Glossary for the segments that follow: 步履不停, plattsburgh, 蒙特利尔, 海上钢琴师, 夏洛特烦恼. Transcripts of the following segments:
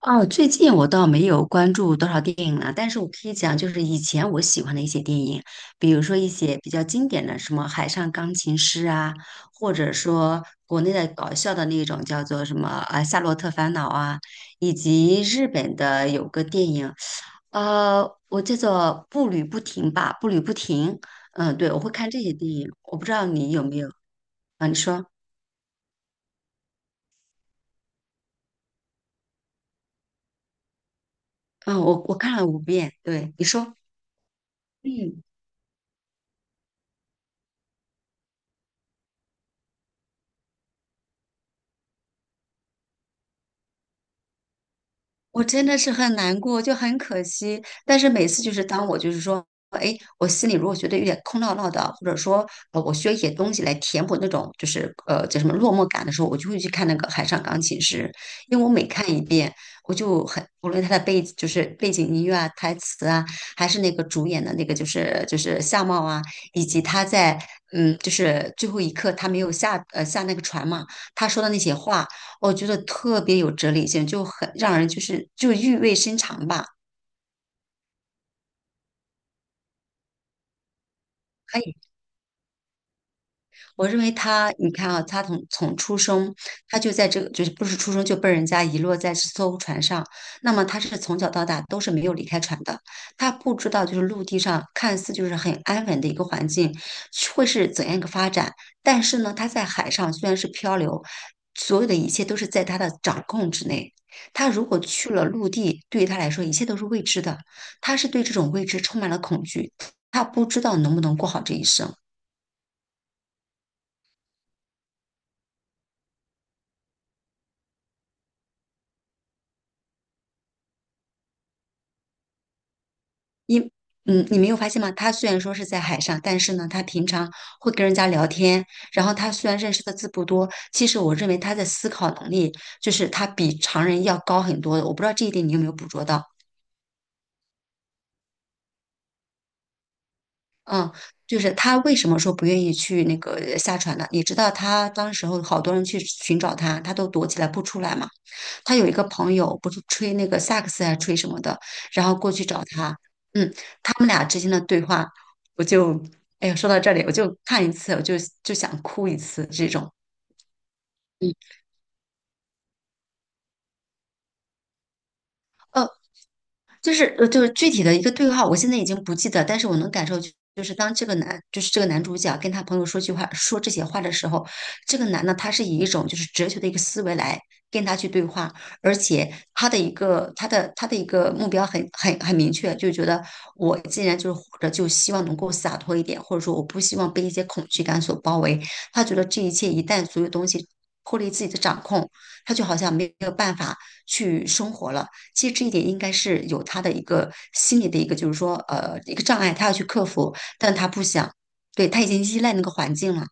哦，最近我倒没有关注多少电影了，但是我可以讲，就是以前我喜欢的一些电影，比如说一些比较经典的，什么《海上钢琴师》啊，或者说国内的搞笑的那种叫做什么啊《夏洛特烦恼》啊，以及日本的有个电影，我叫做《步履不停》吧，《步履不停》。嗯，对，我会看这些电影，我不知道你有没有啊？你说，嗯，我看了五遍，对，你说，嗯。我真的是很难过，就很可惜。但是每次就是当我就是说，哎，我心里如果觉得有点空落落的，或者说我需要一些东西来填补那种就是叫什么落寞感的时候，我就会去看那个《海上钢琴师》，因为我每看一遍，我就很无论它的背就是背景音乐啊、台词啊，还是那个主演的那个就是相貌啊，以及他在嗯就是最后一刻他没有下那个船嘛，他说的那些话。我觉得特别有哲理性，就很让人就是就意味深长吧。可以。我认为他，你看啊，他从出生，他就在这个，就是不是出生就被人家遗落在这艘船上。那么他是从小到大都是没有离开船的，他不知道就是陆地上看似就是很安稳的一个环境会是怎样一个发展，但是呢，他在海上虽然是漂流，所有的一切都是在他的掌控之内。他如果去了陆地，对于他来说一切都是未知的，他是对这种未知充满了恐惧，他不知道能不能过好这一生。因嗯，你没有发现吗？他虽然说是在海上，但是呢，他平常会跟人家聊天，然后他虽然认识的字不多，其实我认为他的思考能力就是他比常人要高很多的。我不知道这一点你有没有捕捉到？嗯，就是他为什么说不愿意去那个下船呢？你知道他当时候好多人去寻找他，他都躲起来不出来嘛。他有一个朋友不是吹那个萨克斯还是吹什么的，然后过去找他，嗯，他们俩之间的对话，我就，哎呀，说到这里，我就看一次，我就就想哭一次这种，嗯，呃，就是就是具体的一个对话，我现在已经不记得，但是我能感受就，是当这个男，就是这个男主角跟他朋友说句话，说这些话的时候，这个男的他是以一种就是哲学的一个思维来跟他去对话，而且他的一个他的一个目标很明确，就觉得我既然就是活着，就希望能够洒脱一点，或者说我不希望被一些恐惧感所包围。他觉得这一切一旦所有东西脱离自己的掌控，他就好像没有办法去生活了。其实这一点应该是有他的一个心理的一个，就是说，一个障碍，他要去克服，但他不想，对，他已经依赖那个环境了，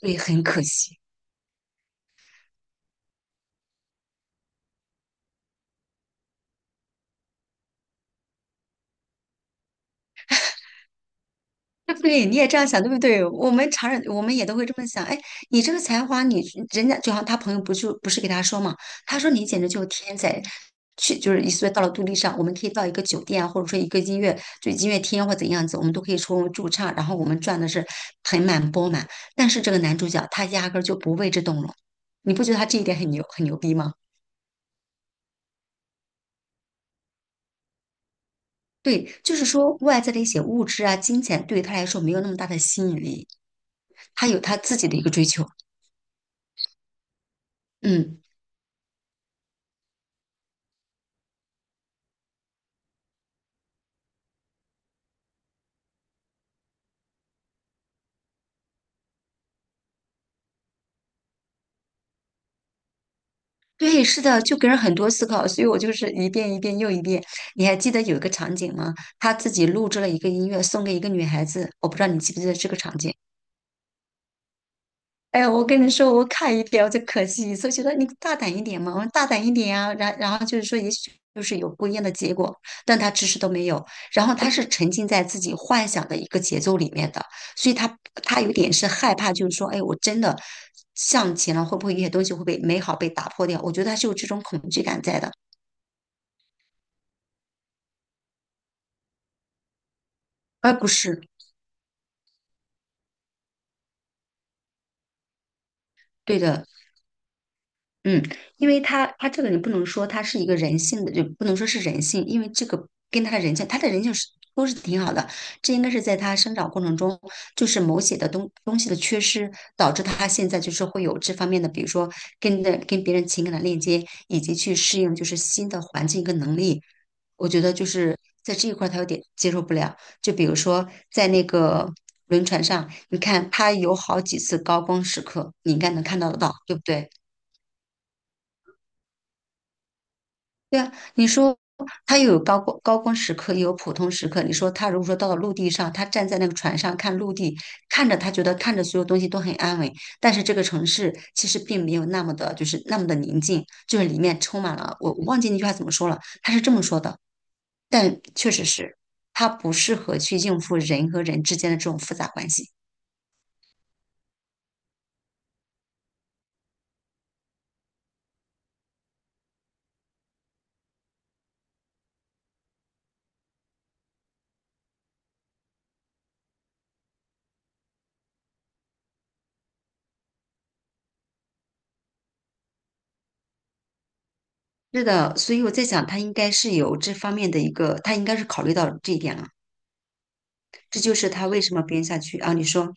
所以很可惜。对，你也这样想，对不对？我们常人，我们也都会这么想。哎，你这个才华，你人家就好像他朋友不就不是给他说嘛，他说你简直就是天才，去就是一岁到了独立上，我们可以到一个酒店啊，或者说一个音乐厅或怎样子，我们都可以出驻唱，然后我们赚的是盆满钵满。但是这个男主角他压根儿就不为之动容，你不觉得他这一点很牛逼吗？对，就是说外在的一些物质啊、金钱对于他来说没有那么大的吸引力，他有他自己的一个追求。嗯。对，是的，就给人很多思考，所以我就是一遍一遍又一遍。你还记得有一个场景吗？他自己录制了一个音乐，送给一个女孩子，我不知道你记不记得这个场景。哎呀，我跟你说，我看一遍我就可惜所以觉得你大胆一点嘛，我说大胆一点啊。然后就是说，也许就是有不一样的结果，但他迟迟都没有。然后他是沉浸在自己幻想的一个节奏里面的，所以他有点是害怕，就是说，哎，我真的向前了，会不会有些东西会被美好被打破掉？我觉得他是有这种恐惧感在的。哎，不是，对的，嗯，因为他这个你不能说他是一个人性的，就不能说是人性，因为这个跟他的人性，他的人性是都是挺好的。这应该是在他生长过程中，就是某些的东西的缺失，导致他现在就是会有这方面的，比如说跟别人情感的链接，以及去适应就是新的环境跟能力。我觉得就是在这一块儿他有点接受不了。就比如说在那个轮船上，你看他有好几次高光时刻，你应该能看到得到，对不对？对啊，你说他又有高光时刻，也有普通时刻。你说他如果说到了陆地上，他站在那个船上看陆地，看着他觉得看着所有东西都很安稳，但是这个城市其实并没有那么的，就是那么的宁静，就是里面充满了我忘记那句话怎么说了，他是这么说的，但确实是他不适合去应付人和人之间的这种复杂关系。是的，所以我在想，他应该是有这方面的一个，他应该是考虑到这一点了。这就是他为什么编下去啊？你说。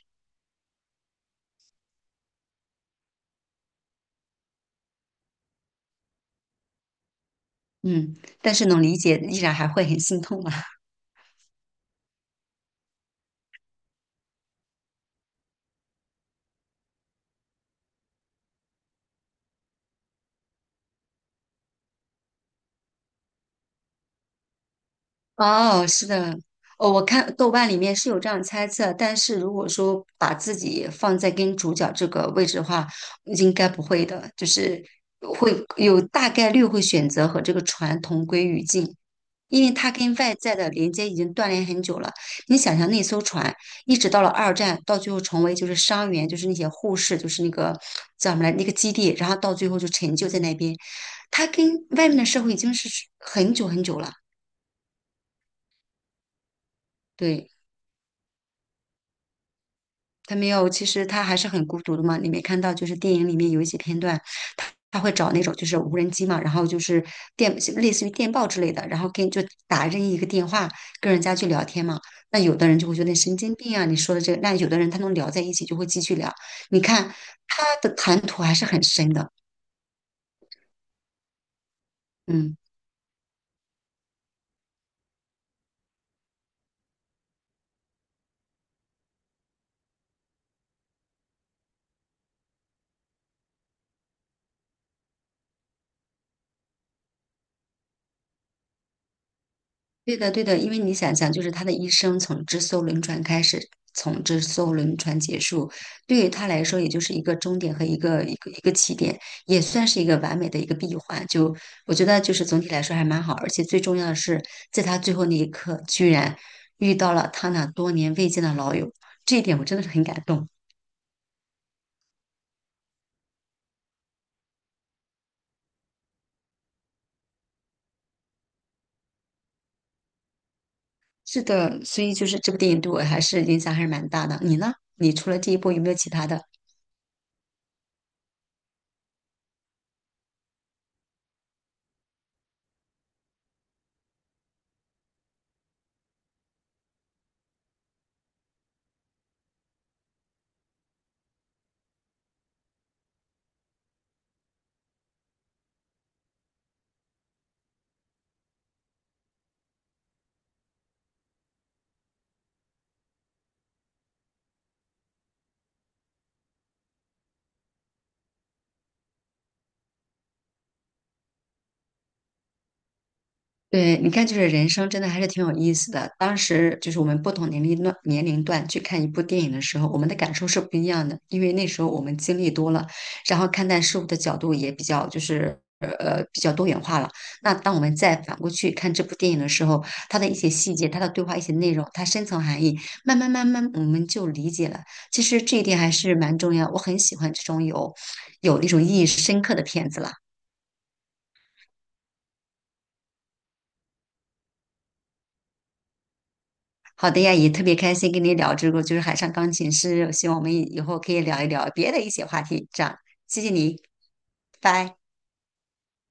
嗯，但是能理解，依然还会很心痛啊。哦，是的，哦，我看豆瓣里面是有这样猜测，但是如果说把自己放在跟主角这个位置的话，应该不会的，就是会有大概率会选择和这个船同归于尽。因为它跟外在的连接已经断联很久了。你想想，那艘船一直到了二战，到最后成为就是伤员，就是那些护士，就是那个叫什么来那个基地，然后到最后就陈旧在那边。它跟外面的社会已经是很久很久了，对。他没有，其实他还是很孤独的嘛。你没看到，就是电影里面有一些片段，他他会找那种就是无人机嘛，然后就是类似于电报之类的，然后打任意一个电话跟人家去聊天嘛。那有的人就会觉得神经病啊，你说的这个。那有的人他能聊在一起，就会继续聊。你看他的谈吐还是很深的，嗯。对的，对的，因为你想想，就是他的一生从这艘轮船开始，从这艘轮船结束，对于他来说，也就是一个终点和一个一个起点，也算是一个完美的一个闭环。就我觉得，就是总体来说还蛮好，而且最重要的是，在他最后那一刻，居然遇到了他那多年未见的老友，这一点我真的是很感动。是的，所以就是这部电影对我还是影响还是蛮大的。你呢？你除了这一部，有没有其他的？对，你看，就是人生真的还是挺有意思的。当时就是我们不同年龄段去看一部电影的时候，我们的感受是不一样的，因为那时候我们经历多了，然后看待事物的角度也比较就是比较多元化了。那当我们再反过去看这部电影的时候，它的一些细节、它的对话、一些内容、它深层含义，慢慢我们就理解了。其实这一点还是蛮重要，我很喜欢这种有那种意义深刻的片子了。好的呀，也特别开心跟你聊这个，就是海上钢琴师，希望我们以后可以聊一聊别的一些话题。这样，谢谢你，拜。